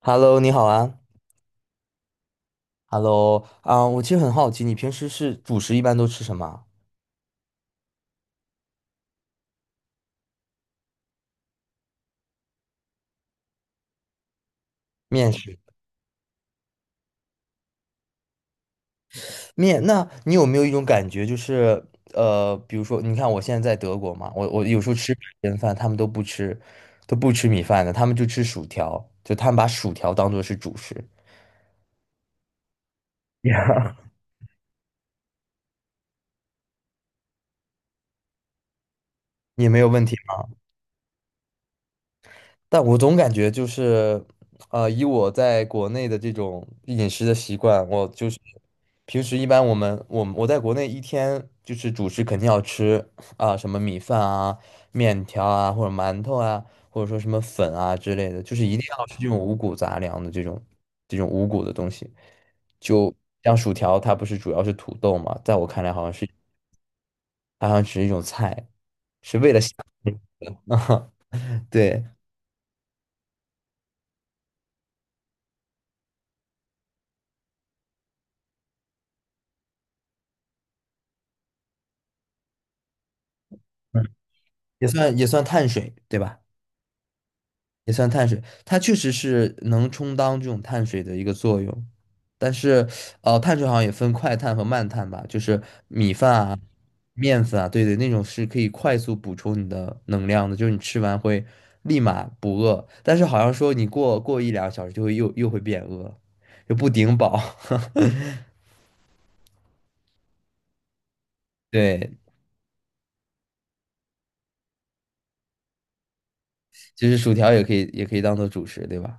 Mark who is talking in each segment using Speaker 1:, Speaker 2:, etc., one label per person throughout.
Speaker 1: Hello，你好啊。Hello，我其实很好奇，你平时是主食一般都吃什么啊面食。面，那你有没有一种感觉，就是比如说，你看我现在在德国嘛，我有时候吃白人饭，他们都不吃，都不吃米饭的，他们就吃薯条，就他们把薯条当做是主食，也没有问题。但我总感觉就是，以我在国内的这种饮食的习惯，我就是平时一般我们我我在国内一天就是主食肯定要吃啊、什么米饭啊、面条啊，或者馒头啊，或者说什么粉啊之类的，就是一定要吃这种五谷杂粮的这种五谷的东西。就像薯条，它不是主要是土豆嘛，在我看来好像是它好像只是一种菜，对，也算碳水，对吧？也算碳水，它确实是能充当这种碳水的一个作用，但是，呃，碳水好像也分快碳和慢碳吧，就是米饭啊、面粉啊，对对，那种是可以快速补充你的能量的，就是你吃完会立马不饿，但是好像说你过一两个小时就会又会变饿，就不顶饱。对，其实薯条也可以当做主食，对吧？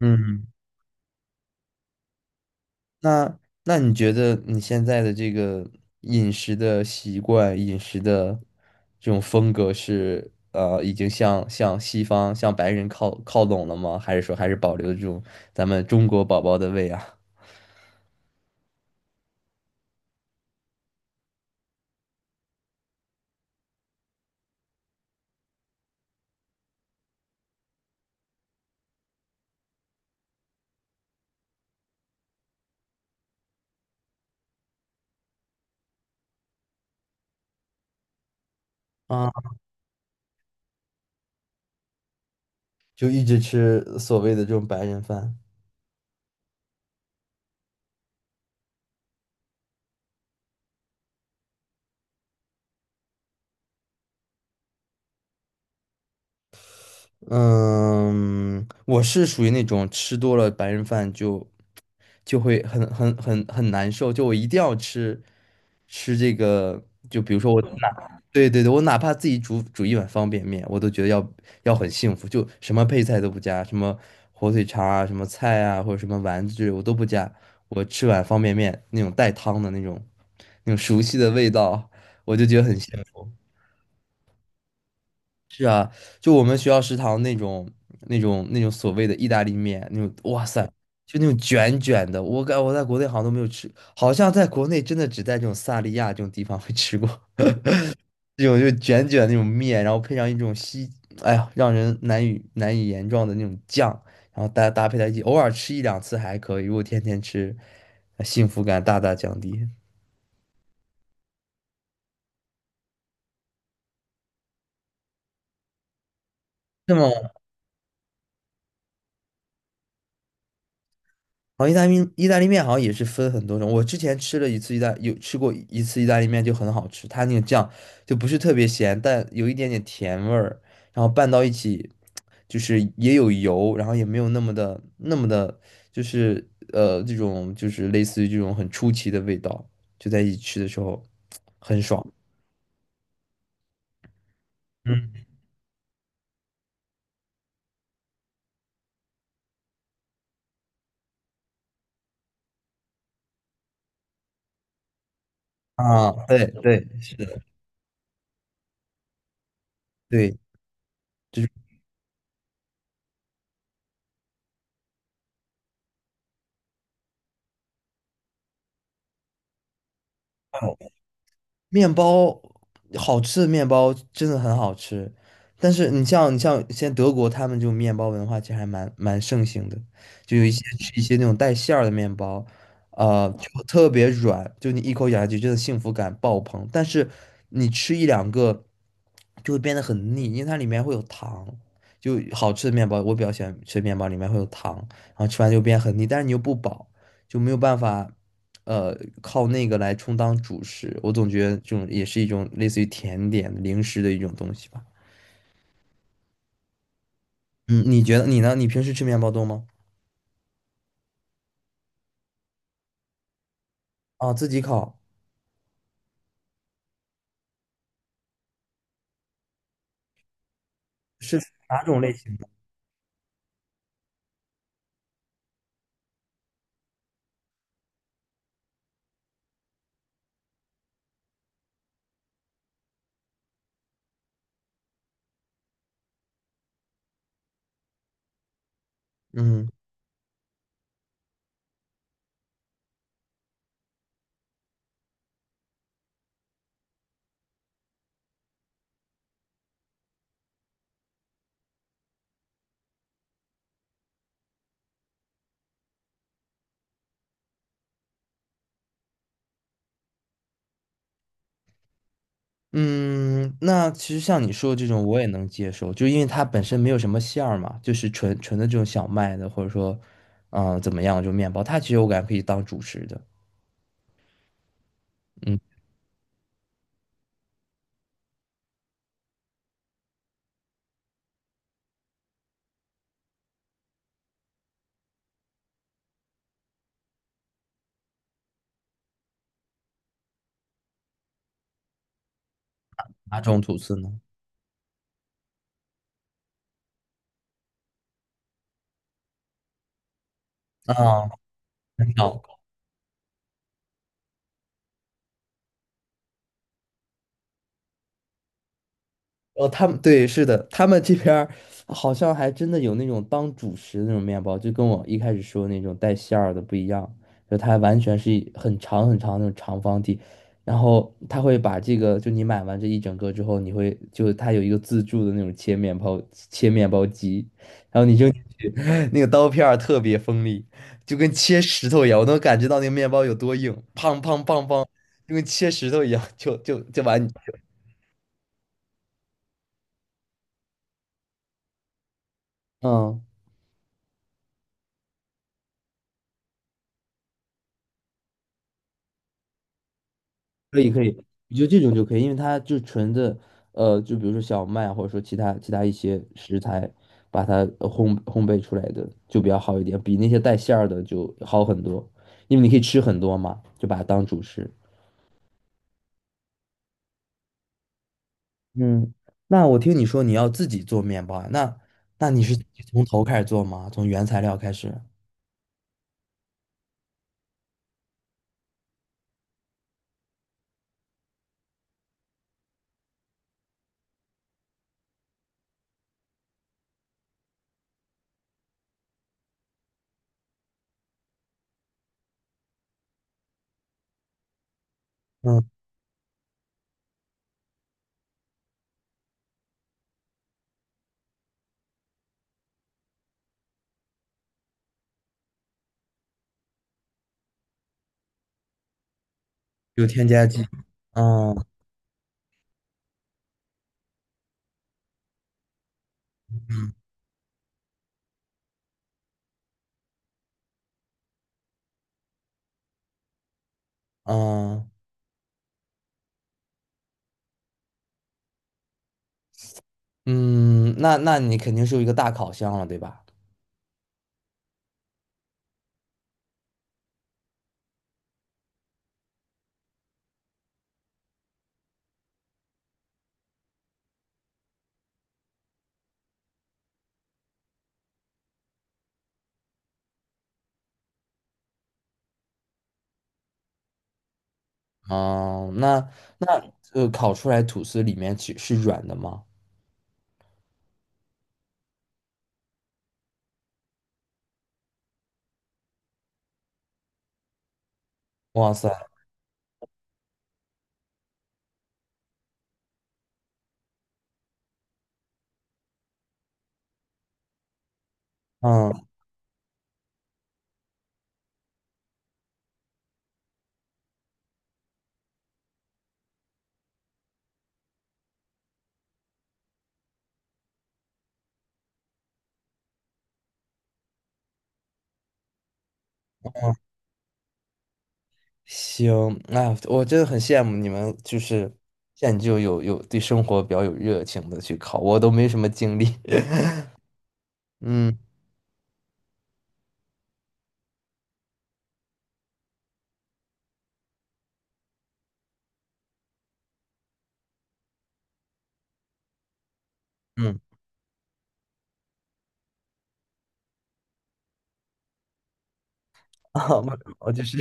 Speaker 1: 嗯。那那你觉得你现在的这个饮食的习惯、饮食的这种风格是呃，已经向西方、向白人靠拢了吗？还是说还是保留这种咱们中国宝宝的胃啊？啊，就一直吃所谓的这种白人饭？嗯，我是属于那种吃多了白人饭就就会很难受，就我一定要吃吃这个，就比如说我哪，对对对，我哪怕自己煮一碗方便面，我都觉得要要很幸福，就什么配菜都不加，什么火腿肠啊，什么菜啊，或者什么丸子之类我都不加，我吃碗方便面那种带汤的那种熟悉的味道，我就觉得很幸福。就我们学校食堂那种所谓的意大利面，那种哇塞，就那种卷卷的，我在国内好像都没有吃，好像在国内真的只在这种萨利亚这种地方会吃过 这种就卷卷的那种面，然后配上一种西，哎呀，让人难以言状的那种酱，然后搭配在一起，偶尔吃一两次还可以，如果天天吃，呃幸福感大大降低。那么。然后意大利面好像也是分很多种，我之前吃了一次意大有吃过一次意大利面就很好吃，它那个酱就不是特别咸，但有一点点甜味儿，然后拌到一起，就是也有油，然后也没有那么的，就是呃这种就是类似于这种很出奇的味道，就在一起吃的时候很爽。嗯啊，对对是的，对，就是。面包好吃的面包真的很好吃，但是你像现在德国他们就面包文化其实还蛮盛行的，就有一些吃一些那种带馅儿的面包，呃，就特别软，就你一口咬下去真的幸福感爆棚，但是你吃一两个就会变得很腻，因为它里面会有糖。就好吃的面包，我比较喜欢吃面包，里面会有糖，然后吃完就变很腻，但是你又不饱，就没有办法。呃，靠那个来充当主食，我总觉得这种也是一种类似于甜点零食的一种东西吧。嗯，你觉得你呢？你平时吃面包多吗？啊，自己烤是哪种类型的？嗯嗯，那其实像你说的这种，我也能接受，就因为它本身没有什么馅儿嘛，就是纯纯的这种小麦的，或者说，嗯、怎么样，就面包，它其实我感觉可以当主食的。嗯，哪种吐司呢？啊，很好哦，他们对，是的，他们这边儿好像还真的有那种当主食的那种面包，就跟我一开始说的那种带馅儿的不一样，就它完全是一很长很长那种长方体，然后他会把这个，就你买完这一整个之后，你会就它有一个自助的那种切面包机，那个刀片儿特别锋利，就跟切石头一样，我能感觉到那个面包有多硬，砰砰砰砰，就跟切石头一样，就把你，嗯。可以可以，你就这种就可以，因为它就纯的，呃，就比如说小麦或者说其他一些食材，把它呃烘焙出来的就比较好一点，比那些带馅儿的就好很多，因为你可以吃很多嘛，就把它当主食。嗯，那我听你说你要自己做面包啊，那那你是从头开始做吗？从原材料开始？嗯，有添加剂。嗯嗯嗯，那那你肯定是有一个大烤箱了，对吧？哦，那那呃，烤出来吐司里面其是软的吗？哇塞，嗯，行，那我真的很羡慕你们，就是现在就有有对生活比较有热情的去烤，我都没什么精力。嗯嗯，啊，我我就是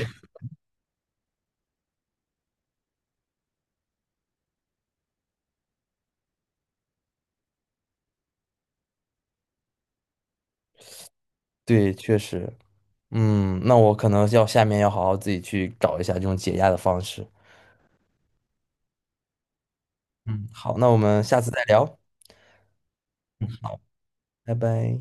Speaker 1: 对，确实，嗯，那我可能要下面要好好自己去找一下这种解压的方式。嗯，好，那我们下次再聊，拜拜。